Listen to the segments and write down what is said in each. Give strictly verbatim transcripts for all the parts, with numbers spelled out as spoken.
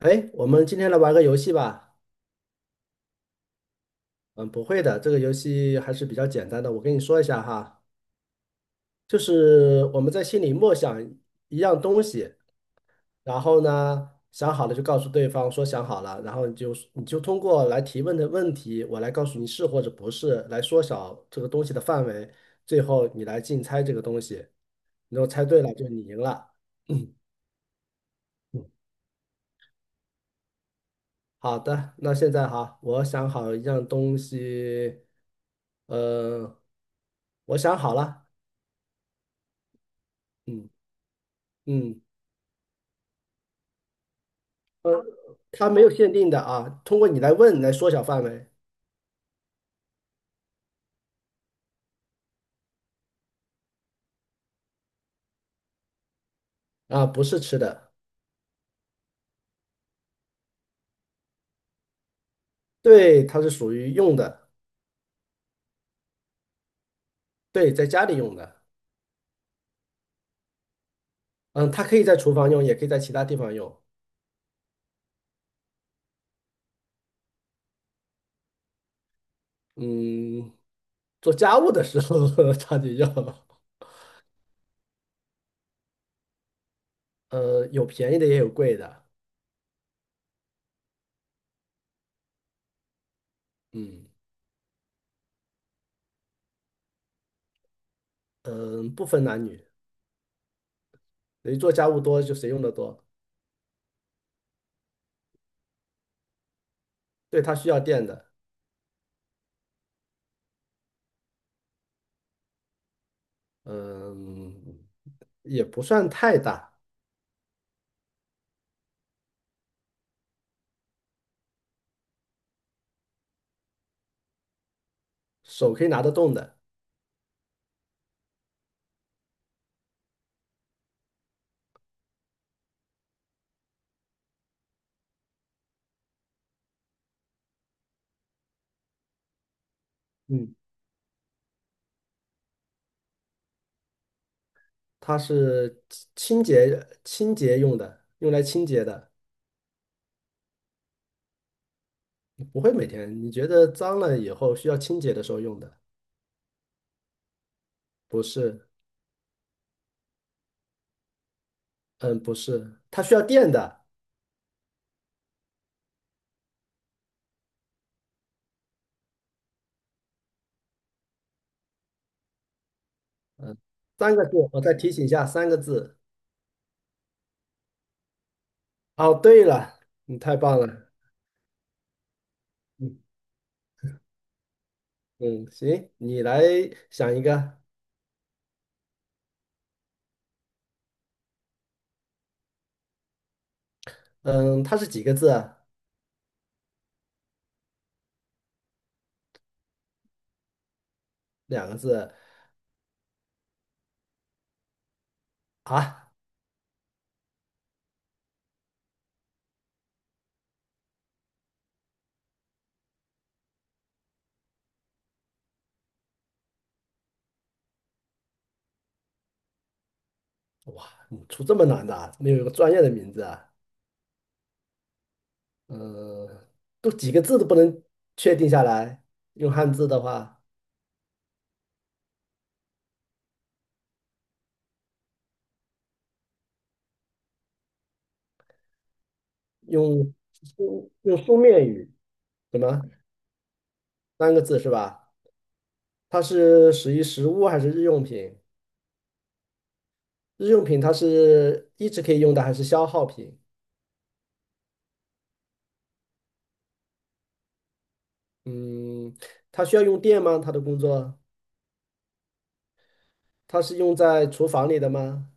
哎，我们今天来玩个游戏吧。嗯，不会的，这个游戏还是比较简单的。我跟你说一下哈，就是我们在心里默想一样东西，然后呢，想好了就告诉对方说想好了，然后你就你就通过来提问的问题，我来告诉你是或者不是，来缩小这个东西的范围，最后你来竞猜这个东西，你如果猜对了就你赢了。好的，那现在哈，我想好一样东西，呃，我想好了，嗯嗯，呃，它没有限定的啊，通过你来问来缩小范围啊，不是吃的，对，它是属于用的，对，在家里用的，嗯，它可以在厨房用，也可以在其他地方用，嗯，做家务的时候 它就用，呃，有便宜的也有贵的，嗯嗯，不分男女，谁做家务多就谁用的多，对，它需要电的。嗯，也不算太大，手可以拿得动的。嗯，它是清清洁清洁用的，用来清洁的，不会每天。你觉得脏了以后需要清洁的时候用的？不是，嗯，不是，它需要电的。三个字，我再提醒一下，三个字。哦，对了，你太棒了。嗯嗯，行，你来想一个。嗯，它是几个字啊两个字啊？啊嗯出这么难的啊？没有一个专业的名字啊？呃，都几个字都不能确定下来。用汉字的话，用书用书面语，什么三个字是吧？它是属于食物还是日用品？日用品它是一直可以用的还是消耗品？嗯，它需要用电吗？它的工作，它是用在厨房里的吗？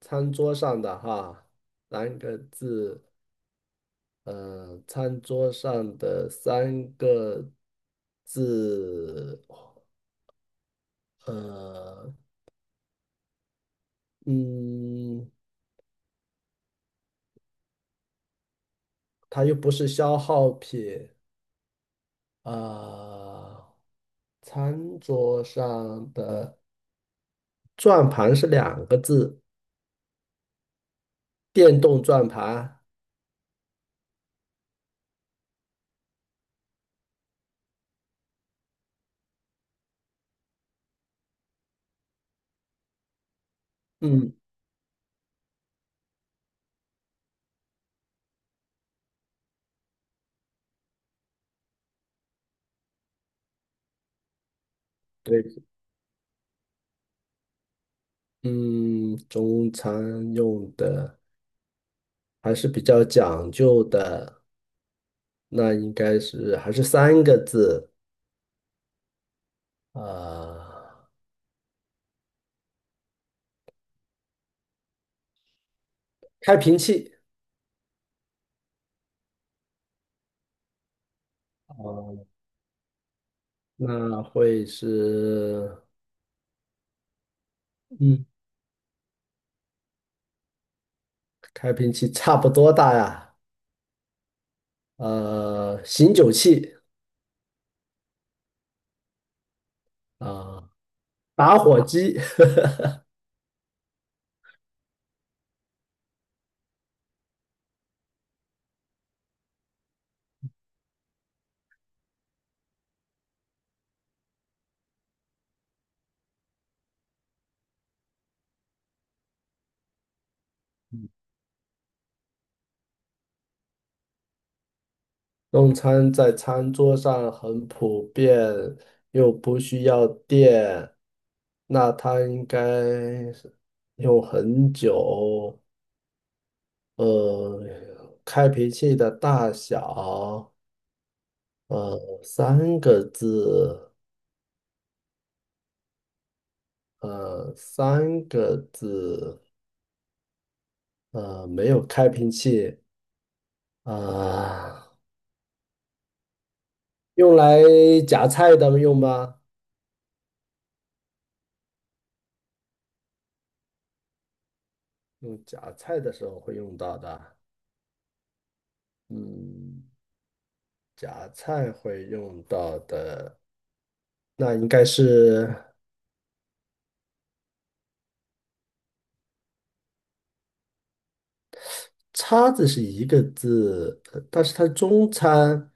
餐桌上的哈，三个字，呃，餐桌上的三个字。呃，嗯，它又不是消耗品，啊，餐桌上的转盘是两个字，电动转盘，嗯，对，嗯，中餐用的还是比较讲究的，那应该是还是三个字，啊，开瓶器，那会是，嗯，开瓶器差不多大呀。呃，醒酒器啊，打火机，用餐在餐桌上很普遍，又不需要电，那它应该是用很久。呃，开瓶器的大小，呃，三个字，呃，三个字，呃，没有开瓶器，啊、用来夹菜的用吗？用夹菜的时候会用到的，嗯，夹菜会用到的，那应该是叉子是一个字，呃但是它中餐，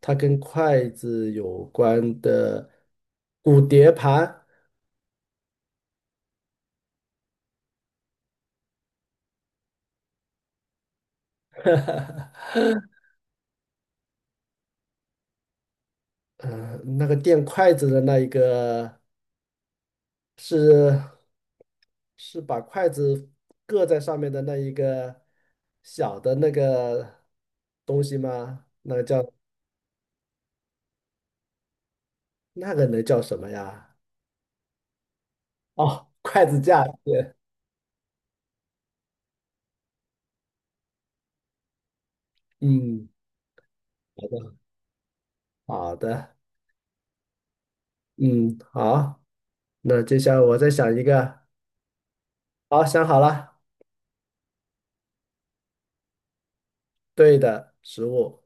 它跟筷子有关的骨碟盘，嗯，那个垫筷子的那一个是是把筷子搁在上面的那一个小的那个东西吗？那个叫那个能叫什么呀？哦，筷子架，对，嗯，好的，嗯，好，那接下来我再想一个，好，想好了，对的，食物，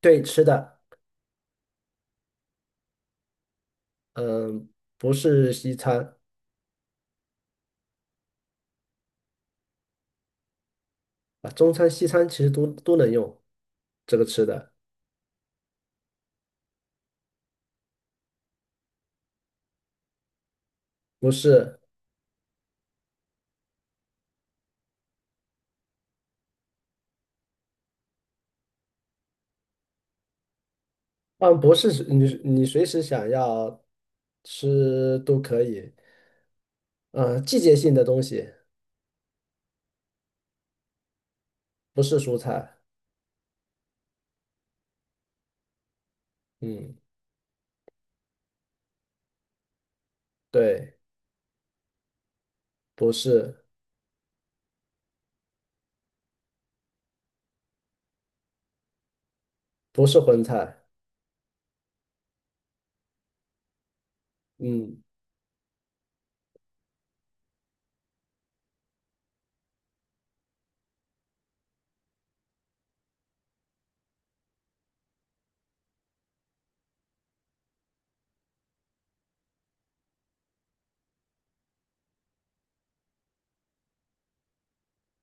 对，吃的，嗯，不是西餐啊，中餐、西餐其实都都能用这个吃的，不是，嗯，不是你你随时想要吃都可以，嗯，季节性的东西，不是蔬菜，嗯，对，不是，不是荤菜，嗯，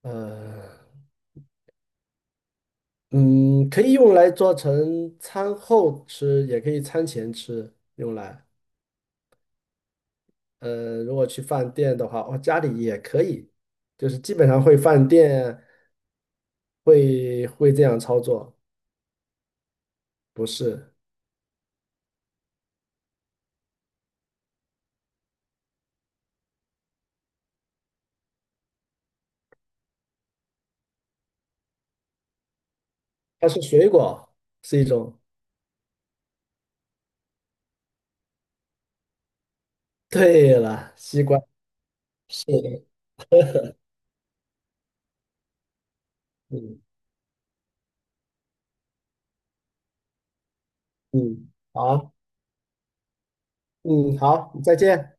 呃。嗯，可以用来做成餐后吃，也可以餐前吃，用来。呃，如果去饭店的话，哦，家里也可以，就是基本上会饭店会会这样操作，不是，它是水果，是一种。对了，西瓜，是的，嗯嗯，好，嗯好，再见。